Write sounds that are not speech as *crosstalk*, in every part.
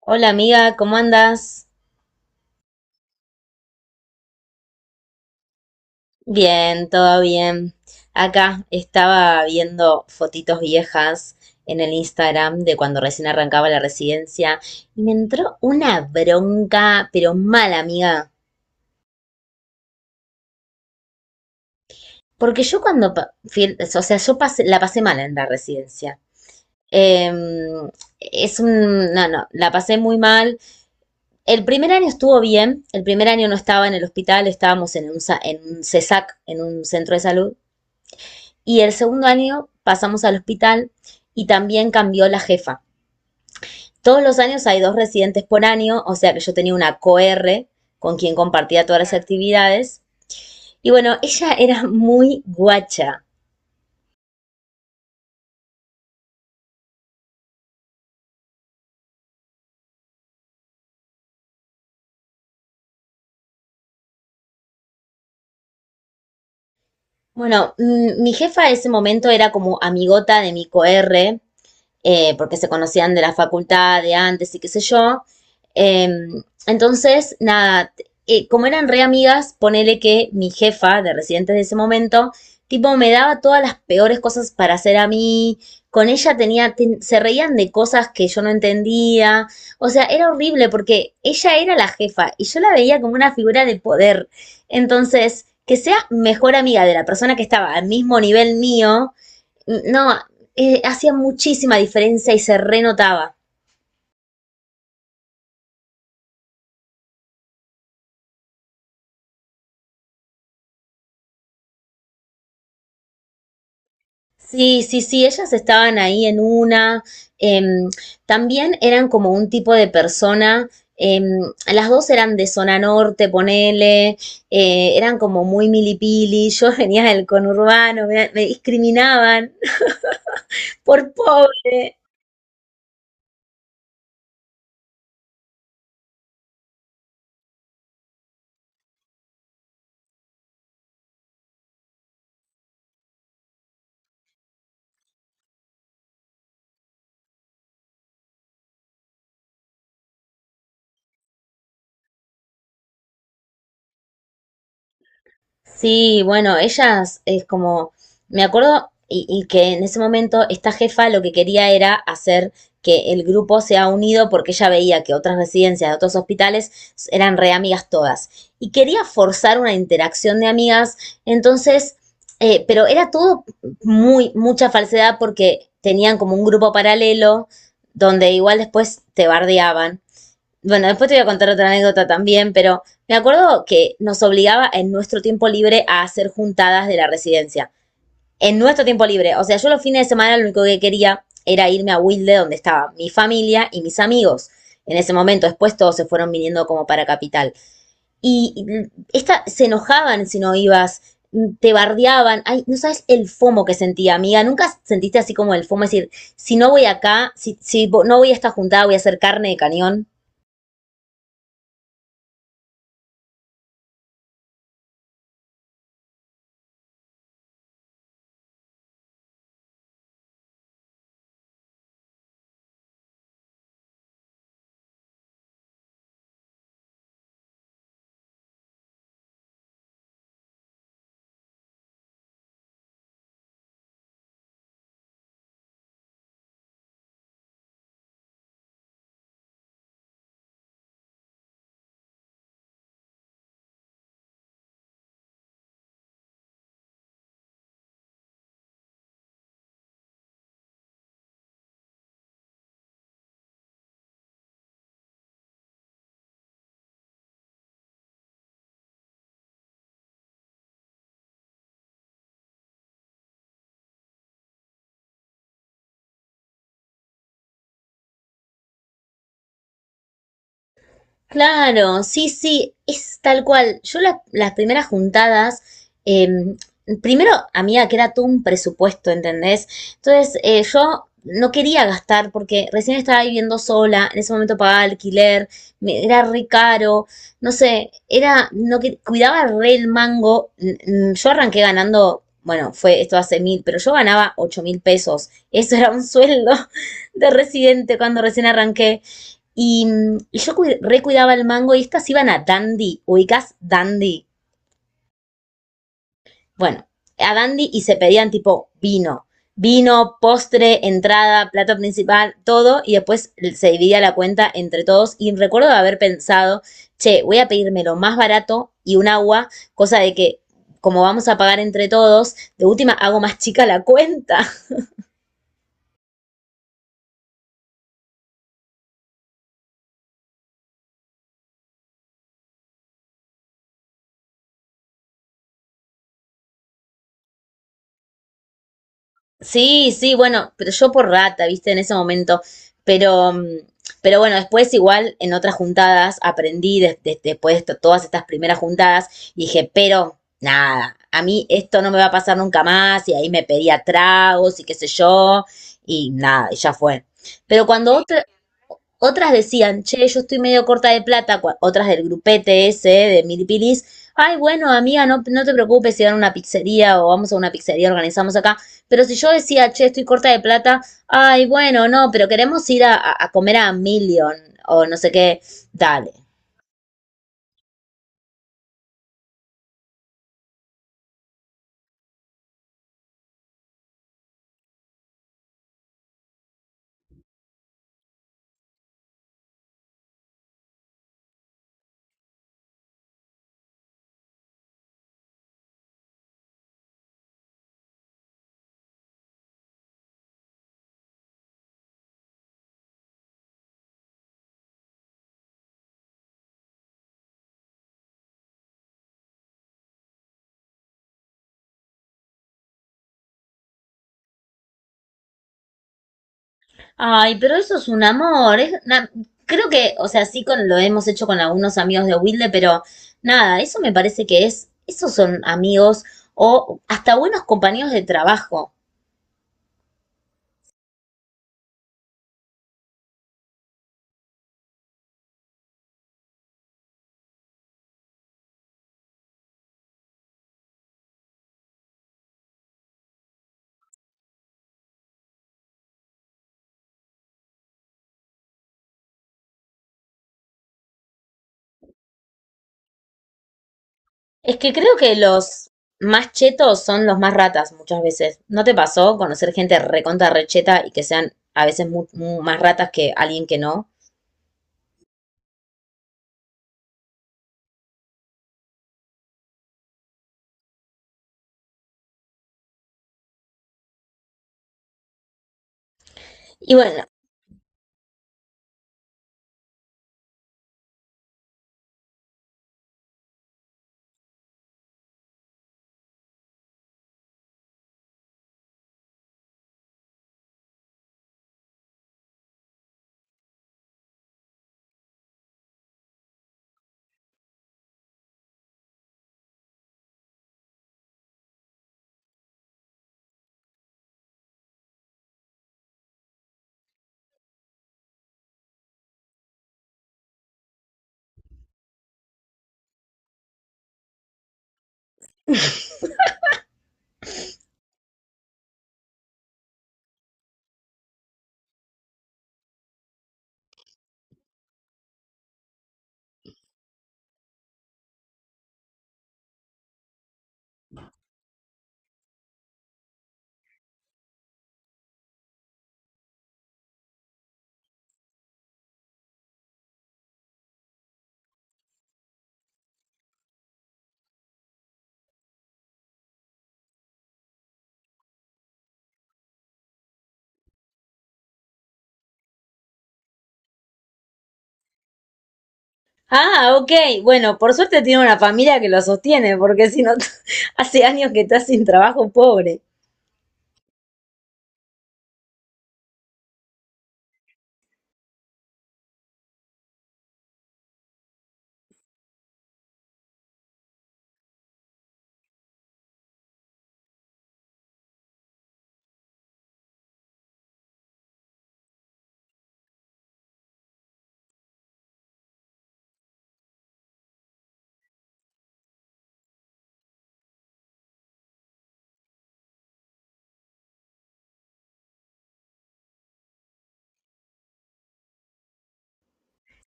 Hola amiga, ¿cómo andas? Bien, todo bien. Acá estaba viendo fotitos viejas en el Instagram de cuando recién arrancaba la residencia y me entró una bronca, pero mala amiga, porque yo cuando, o sea, la pasé mal en la residencia. Em, es un, no, no, la pasé muy mal. El primer año estuvo bien, el primer año no estaba en el hospital, estábamos en en un CESAC, en un centro de salud. Y el segundo año pasamos al hospital y también cambió la jefa. Todos los años hay dos residentes por año, o sea que yo tenía una co-r con quien compartía todas las actividades. Y bueno, ella era muy guacha. Bueno, mi jefa en ese momento era como amigota de mi co-r. Porque se conocían de la facultad de antes y qué sé yo. Eh, entonces, nada, como eran re amigas, ponele que mi jefa de residentes de ese momento, tipo, me daba todas las peores cosas para hacer a mí. Con ella se reían de cosas que yo no entendía. O sea, era horrible porque ella era la jefa y yo la veía como una figura de poder. Entonces, que sea mejor amiga de la persona que estaba al mismo nivel mío, no, hacía muchísima diferencia y se renotaba. Sí, sí, sí, ellas estaban ahí en una. em, También eran como un tipo de persona. em, las dos eran de zona norte, ponele, eran como muy milipili. Yo *laughs* venía del conurbano, me discriminaban por pobre. Sí, bueno, ellas es como, me acuerdo y que en ese momento esta jefa lo que quería era hacer que el grupo sea unido porque ella veía que otras residencias de otros hospitales eran re amigas todas y quería forzar una interacción de amigas, entonces, pero era todo muy, mucha falsedad porque tenían como un grupo paralelo donde igual después te bardeaban. Bueno, después te voy a contar otra anécdota también, pero me acuerdo que nos obligaba en nuestro tiempo libre a hacer juntadas de la residencia. En nuestro tiempo libre. O sea, yo los fines de semana lo único que quería era irme a Wilde, donde estaba mi familia y mis amigos. En ese momento, después todos se fueron viniendo como para capital. Y esta, se enojaban si no ibas, te bardeaban. Ay, no sabes el fomo que sentía, amiga. Nunca sentiste así como el fomo, es decir, si no voy acá, si no voy a esta juntada, voy a hacer carne de cañón. Claro, sí, sí, es tal cual. Las primeras juntadas, eh, primero, amiga, que era todo un presupuesto, ¿entendés? Entonces, yo no quería gastar porque recién estaba viviendo sola, en ese momento pagaba alquiler, era re caro, no sé, era, no que, cuidaba re el mango. Yo arranqué ganando, bueno, fue esto hace mil, pero yo ganaba 8.000 pesos. Eso era un sueldo *laughs* de residente cuando recién arranqué. Y, y yo recuidaba el mango y estas iban a Dandy, ubicás Dandy. Bueno, a Dandy y se pedían tipo vino, postre, entrada, plato principal, todo, y después se dividía la cuenta entre todos. Y recuerdo haber pensado, che, voy a pedirme lo más barato y un agua, cosa de que como vamos a pagar entre todos, de última hago más chica la cuenta. Sí, sí, bueno, pero yo por rata, viste, en ese momento. Pero, pero bueno, después igual en otras juntadas aprendí después de todas estas primeras juntadas y dije, pero nada, a mí esto no me va a pasar nunca más y ahí me pedía tragos y qué sé yo y nada, y ya fue. Pero cuando otras decían, che, yo estoy medio corta de plata, otras del grupete ese de Milipilis, ay, bueno, amiga, no te preocupes si van a una pizzería o vamos a una pizzería, organizamos acá. Pero si yo decía, che, estoy corta de plata, ay, bueno, no, pero queremos ir comer a Million o no sé qué, dale. Ay, pero eso es un amor, creo que, o sea, sí con, lo hemos hecho con algunos amigos de Wilde, pero nada, eso me parece que es, esos son amigos o hasta buenos compañeros de trabajo. Es que creo que los más chetos son los más ratas muchas veces. ¿No te pasó conocer gente recontra recheta y que sean a veces más ratas que alguien que no? Y bueno, ah, ok, bueno, por suerte tiene una familia que lo sostiene, porque si no, *laughs* hace años que está sin trabajo pobre.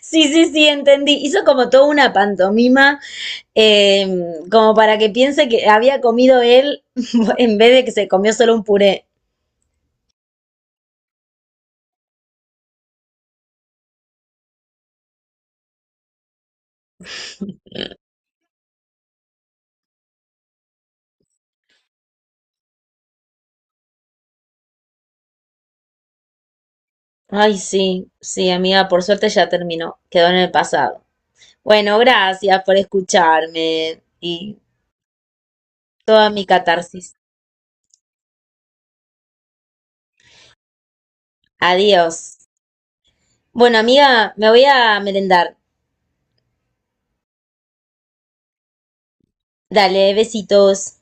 Sí, sí, sí, entendí. Hizo como toda una pantomima, eh, como para que piense que había comido él *laughs* en vez de que se comió solo un puré. Ay, sí, sí, amiga, por suerte ya terminó, quedó en el pasado. Bueno, gracias por escucharme y toda mi catarsis. Adiós. Bueno, amiga, me voy a merendar. Dale, besitos.